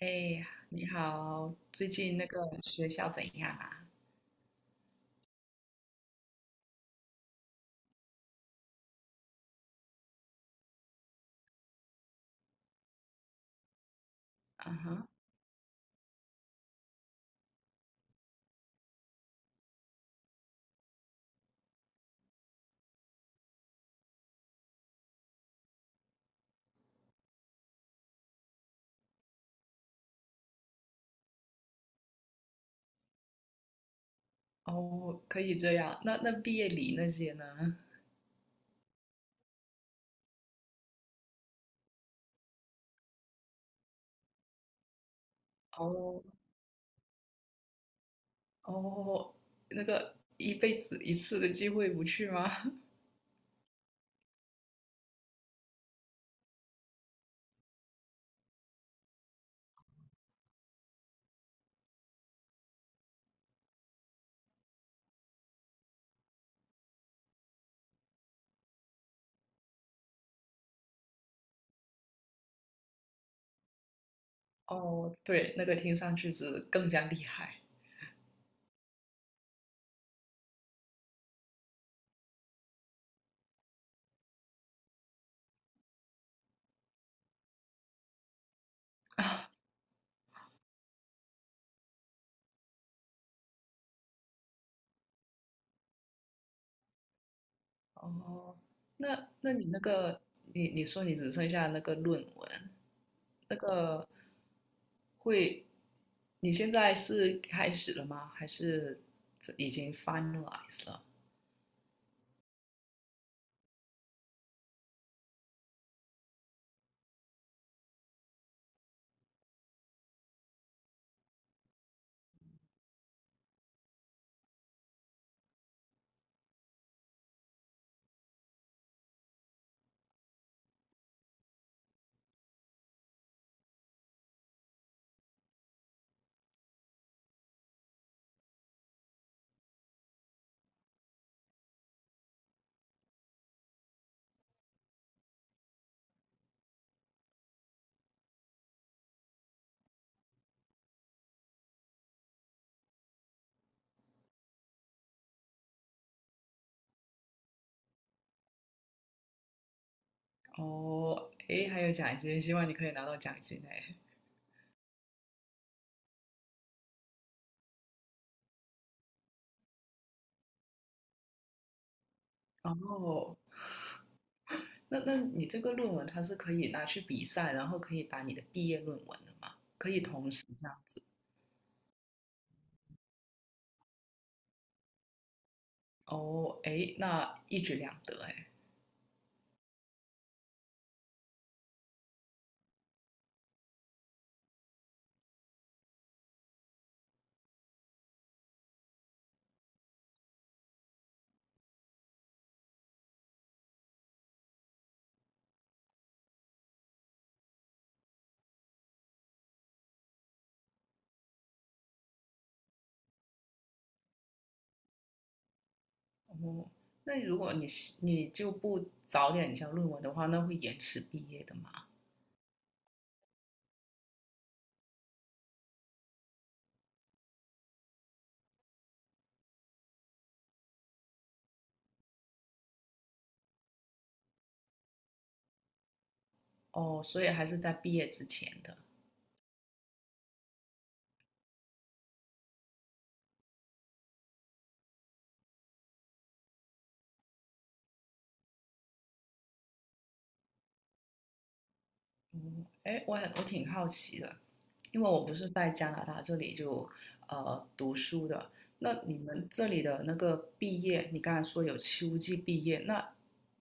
哎，你好，最近学校怎样啊？啊哈。哦，可以这样。那毕业礼那些呢？哦哦，那个一辈子一次的机会不去吗？哦，对，那个听上去是更加厉害。哦，那你那个，你说你只剩下那个论文，那个会，你现在是开始了吗？还是已经 finalize 了？哦，诶，还有奖金，希望你可以拿到奖金诶。哦，那你这个论文它是可以拿去比赛，然后可以打你的毕业论文的吗？可以同时这样子。哦，诶，那一举两得诶。哦，那如果你是你就不早点交论文的话，那会延迟毕业的嘛？哦，所以还是在毕业之前的。哎，我挺好奇的，因为我不是在加拿大这里就读书的。那你们这里的那个毕业，你刚才说有秋季毕业，那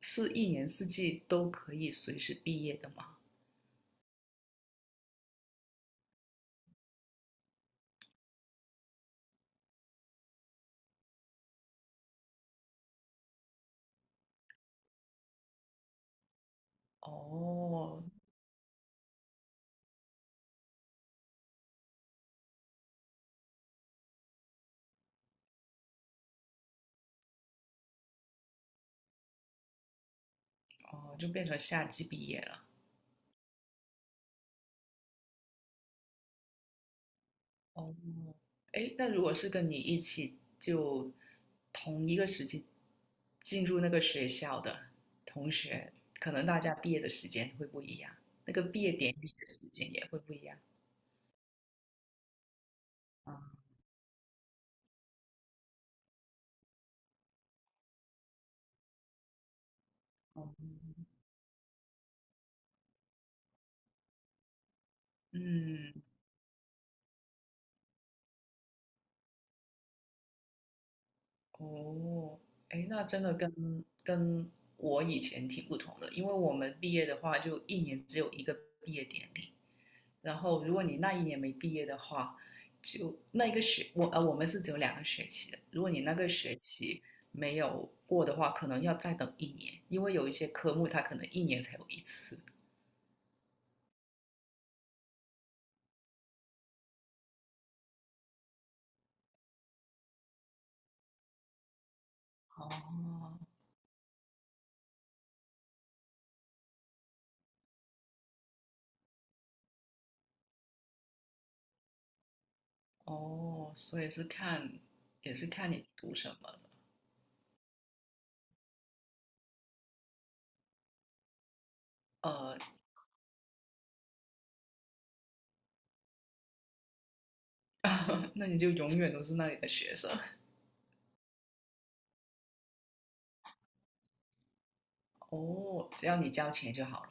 是一年四季都可以随时毕业的吗？哦哦，就变成夏季毕业了。哦，哎，那如果是跟你一起就同一个时期进入那个学校的同学，可能大家毕业的时间会不一样，那个毕业典礼的时间也会不一样。啊。哦。嗯。哦，哎，那真的跟我以前挺不同的，因为我们毕业的话，就一年只有一个毕业典礼，然后如果你那一年没毕业的话，就那一个学，我,我们是只有两个学期的，如果你那个学期没有过的话，可能要再等一年，因为有一些科目它可能一年才有一次。哦。哦，所以是看，也是看你读什么呃。那你就永远都是那里的学生。哦，只要你交钱就好了。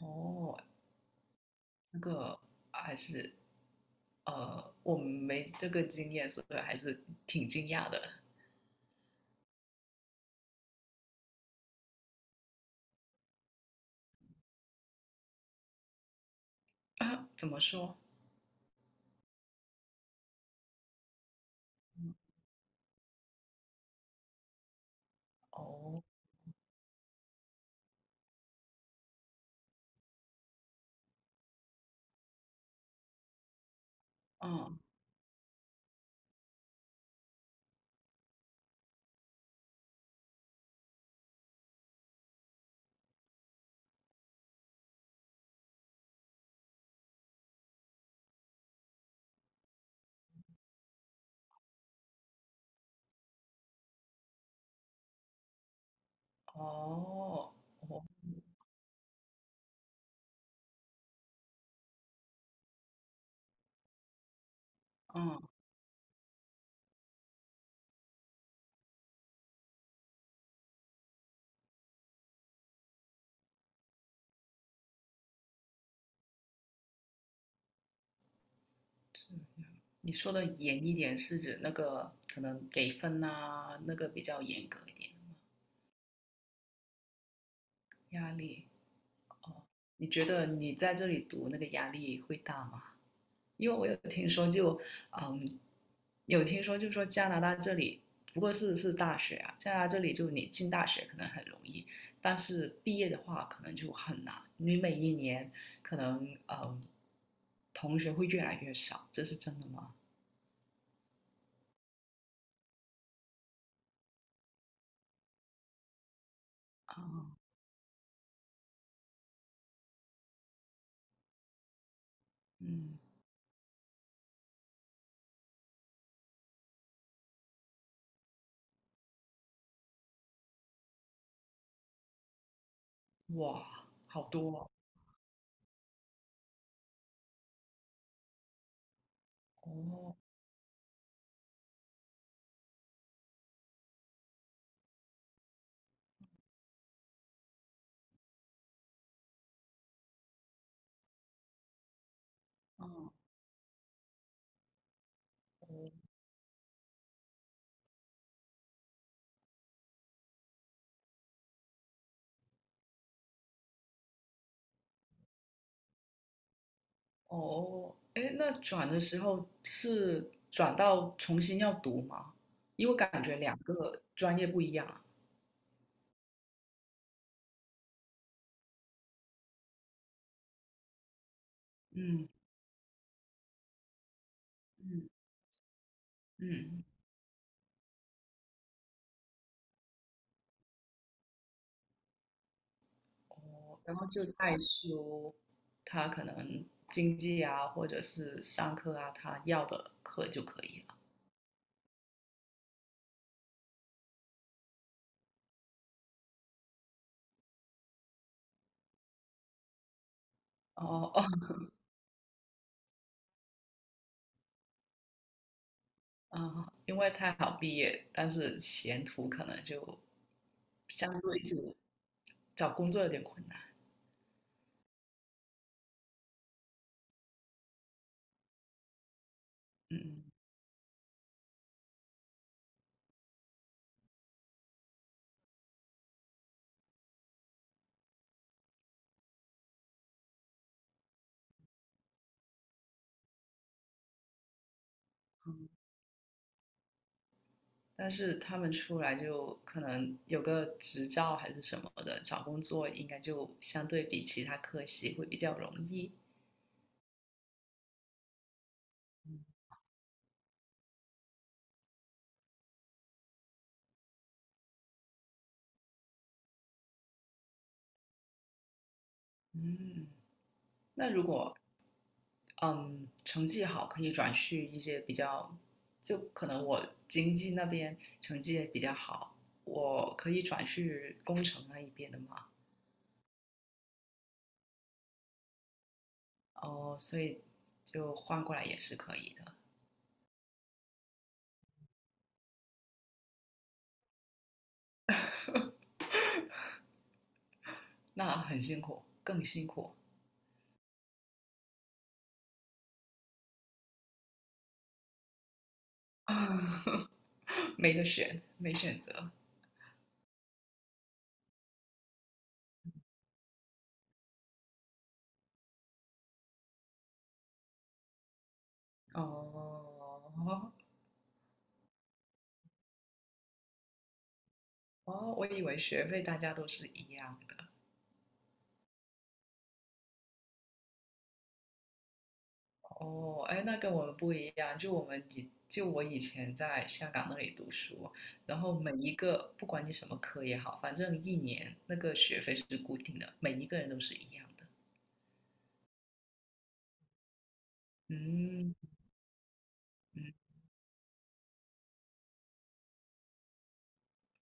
哦，这个还是我没这个经验，所以还是挺惊讶的。啊，怎么说？嗯。哦。嗯。哦。哦。嗯。嗯，你说的严一点是指那个可能给分啊，那个比较严格一点。压力。哦，你觉得你在这里读那个压力会大吗？因为我有听说就，嗯，有听说就说加拿大这里，不过是大学啊，加拿大这里就你进大学可能很容易，但是毕业的话可能就很难。你每一年可能嗯，同学会越来越少，这是真的吗？嗯。哇，好多。哦。哦。嗯。哦，哎，那转的时候是转到重新要读吗？因为我感觉两个专业不一样啊。嗯。嗯。嗯。哦，然后就再修他可能经济啊，或者是上课啊，他要的课就可以了。哦哦。啊，因为太好毕业，但是前途可能就相对就找工作有点困难。嗯。嗯。但是他们出来就可能有个执照还是什么的，找工作应该就相对比其他科系会比较容易。嗯，那如果嗯成绩好，可以转去一些比较，就可能我经济那边成绩也比较好，我可以转去工程那一边的嘛。哦，所以就换过来也是可以的。那很辛苦，更辛苦。没得选，没选择。哦。哦，我以为学费大家都是一样的。哦，哎，那跟我们不一样，就我以前在香港那里读书，然后每一个不管你什么科也好，反正一年那个学费是固定的，每一个人都是一样的。嗯。嗯。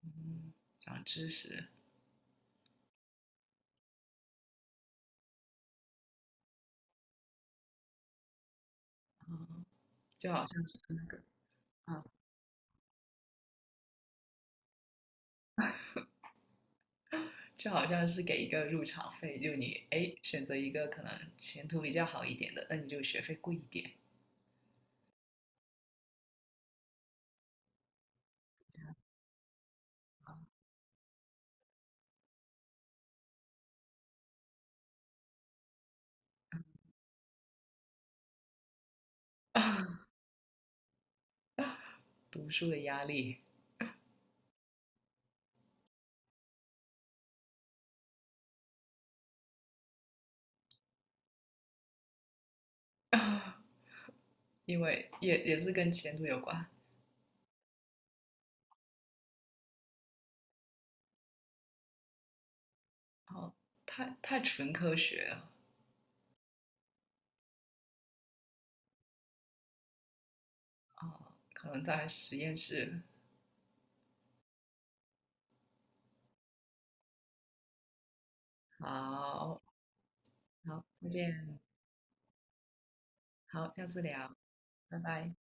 嗯，长知识。就好像是那个。啊，就好像是给一个入场费，就你哎选择一个可能前途比较好一点的，那你就学费贵一点。啊。读书的压力。因为也是跟前途有关。然后太纯科学了。啊，可能在实验室。好。好，再见。好，下次聊。拜拜。